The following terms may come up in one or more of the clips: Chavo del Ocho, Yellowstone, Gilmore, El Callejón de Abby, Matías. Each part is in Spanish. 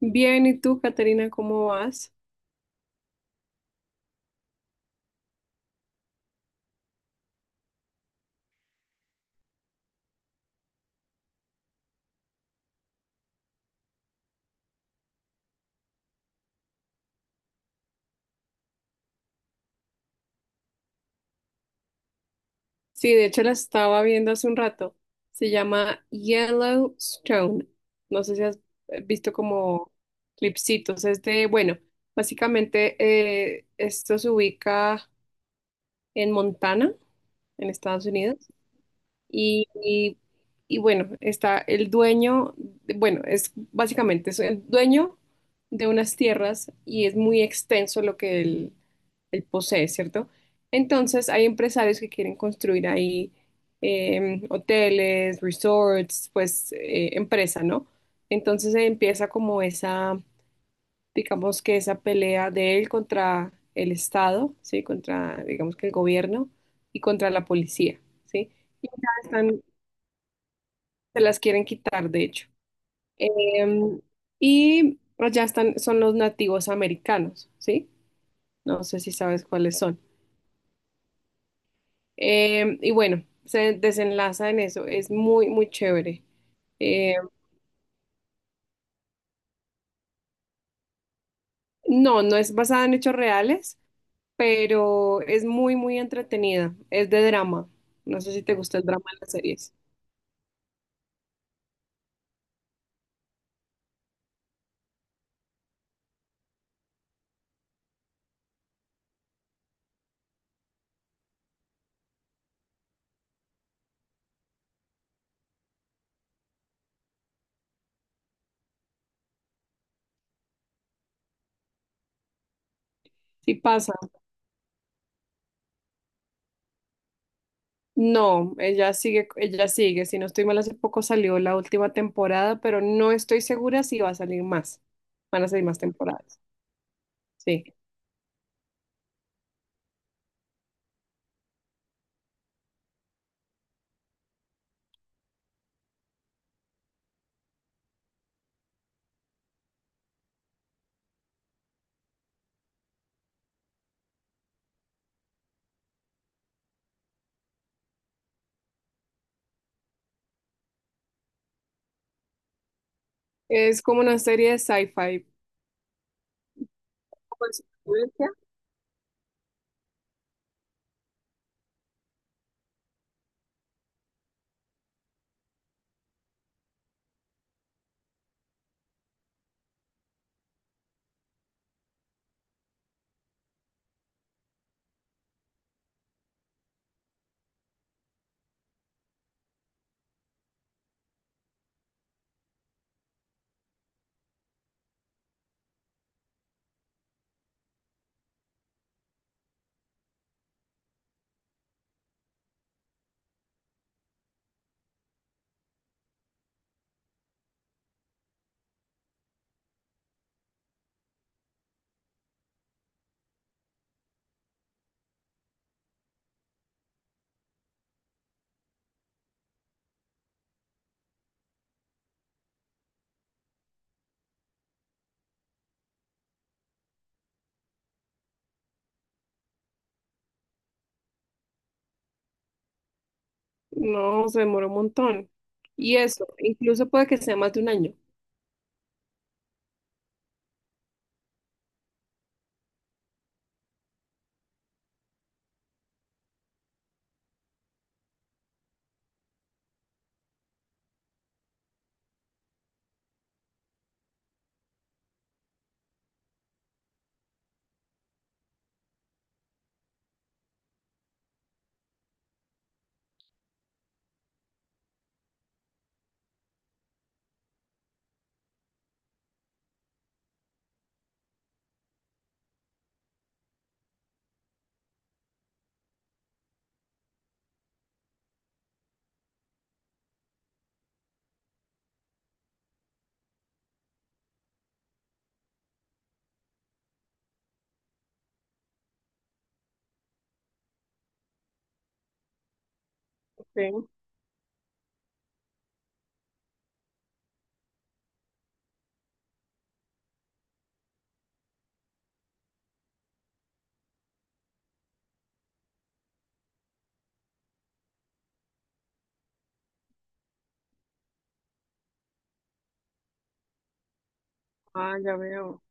Bien, ¿y tú, Caterina, cómo vas? Sí, de hecho la estaba viendo hace un rato. Se llama Yellowstone. No sé si has visto como clipsitos. Es de, bueno, básicamente esto se ubica en Montana, en Estados Unidos. Y, y- y bueno, está el dueño, bueno, es básicamente es el dueño de unas tierras y es muy extenso lo que él posee, ¿cierto? Entonces hay empresarios que quieren construir ahí hoteles, resorts, pues empresa, ¿no? Entonces empieza como esa, digamos que esa pelea de él contra el Estado, ¿sí? Contra, digamos que el gobierno y contra la policía, ¿sí? Y ya están, se las quieren quitar, de hecho. Em, y allá están, son los nativos americanos, ¿sí? No sé si sabes cuáles son. Y bueno, se desenlaza en eso, es muy, muy chévere. Eh, no, no es basada en hechos reales, pero es muy, muy entretenida. Es de drama. No sé si te gusta el drama en las series. Sí pasa. No, ella sigue, ella sigue. Si no estoy mal, hace poco salió la última temporada, pero no estoy segura si va a salir más. Van a salir más temporadas. Sí. Es como una serie de sci-fi. Pues, ¿supervivencia? No, se demoró un montón. Y eso, incluso puede que sea más de un año. Ok. Ah, ya veo.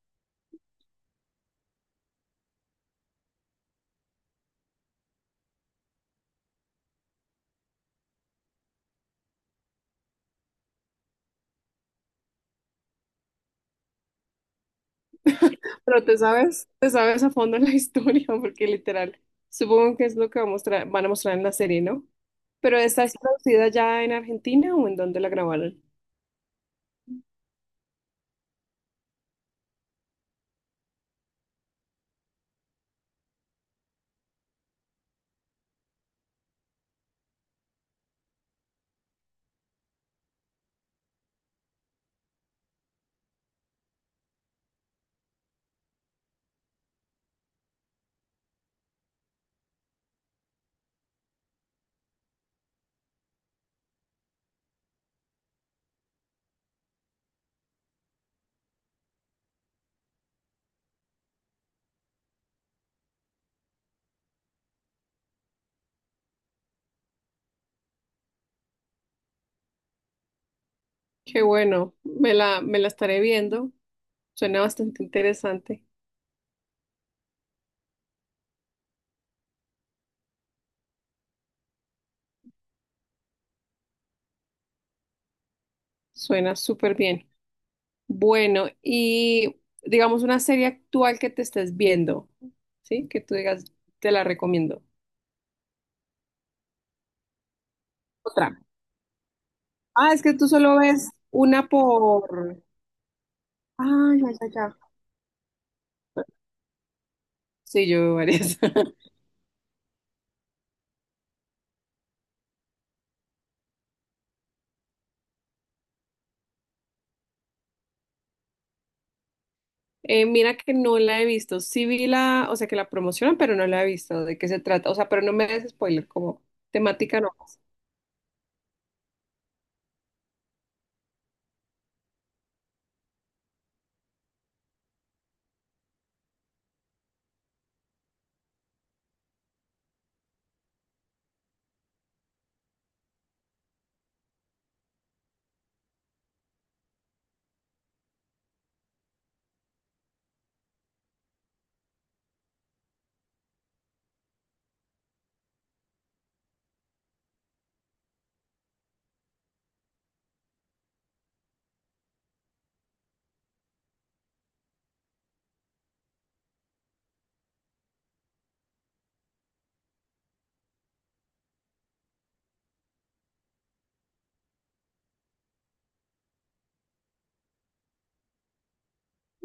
Pero te sabes a fondo la historia, porque literal, supongo que es lo que van a mostrar en la serie, ¿no? Pero ¿esta es traducida ya en Argentina o en dónde la grabaron? Qué bueno, me la estaré viendo. Suena bastante interesante. Suena súper bien. Bueno, y digamos una serie actual que te estés viendo, ¿sí? Que tú digas, te la recomiendo. Otra. Ah, es que tú solo ves una por... Ay, ya, ya, ya. Sí, yo veo varias. Mira que no la he visto. Sí vi la, o sea, que la promocionan, pero no la he visto. ¿De qué se trata? O sea, pero no me des spoiler, como temática no.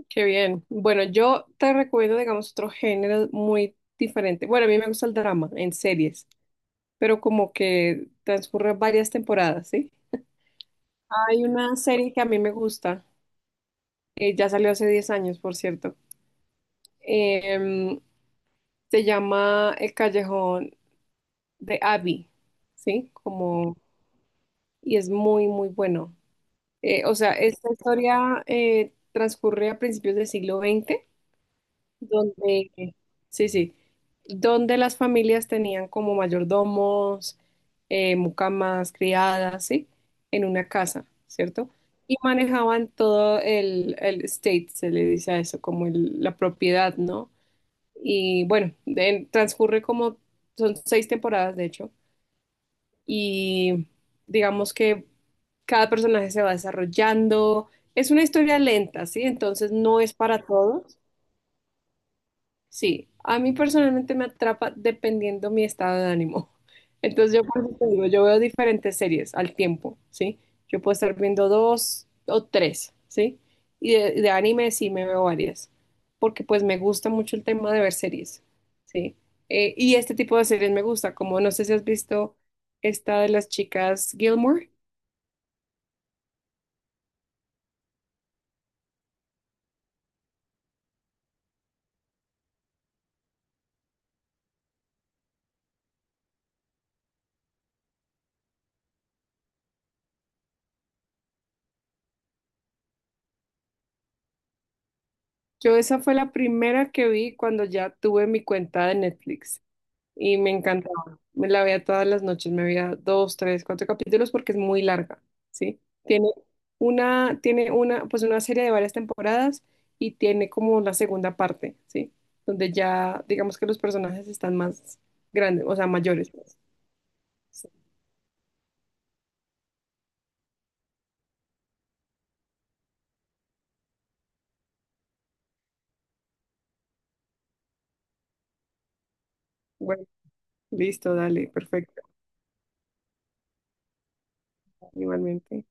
Qué bien. Bueno, yo te recomiendo, digamos, otro género muy diferente. Bueno, a mí me gusta el drama en series, pero como que transcurre varias temporadas, ¿sí? Hay una serie que a mí me gusta, ya salió hace 10 años, por cierto. Em, Se llama El Callejón de Abby, ¿sí? Como, y es muy, muy bueno. O sea, esta historia transcurre a principios del siglo XX, donde, sí, sí, donde las familias tenían como mayordomos, mucamas, criadas, ¿sí? En una casa, ¿cierto? Y manejaban todo el estate, se le dice a eso, como la propiedad, ¿no? Y bueno, transcurre como, son seis temporadas de hecho, y digamos que cada personaje se va desarrollando. Es una historia lenta, ¿sí? Entonces no es para todos. Sí, a mí personalmente me atrapa dependiendo mi estado de ánimo. Entonces yo por eso te digo, yo veo diferentes series al tiempo, ¿sí? Yo puedo estar viendo dos o tres, ¿sí? Y de anime sí me veo varias, porque pues me gusta mucho el tema de ver series, ¿sí? Y este tipo de series me gusta, como no sé si has visto esta de las chicas Gilmore. Yo esa fue la primera que vi cuando ya tuve mi cuenta de Netflix. Y me encantaba. Me la veía todas las noches, me veía dos, tres, cuatro capítulos porque es muy larga, ¿sí? Tiene una, pues una serie de varias temporadas y tiene como la segunda parte, ¿sí? Donde ya, digamos que los personajes están más grandes, o sea, mayores. Pues. Sí. Bueno, listo, dale, perfecto, igualmente.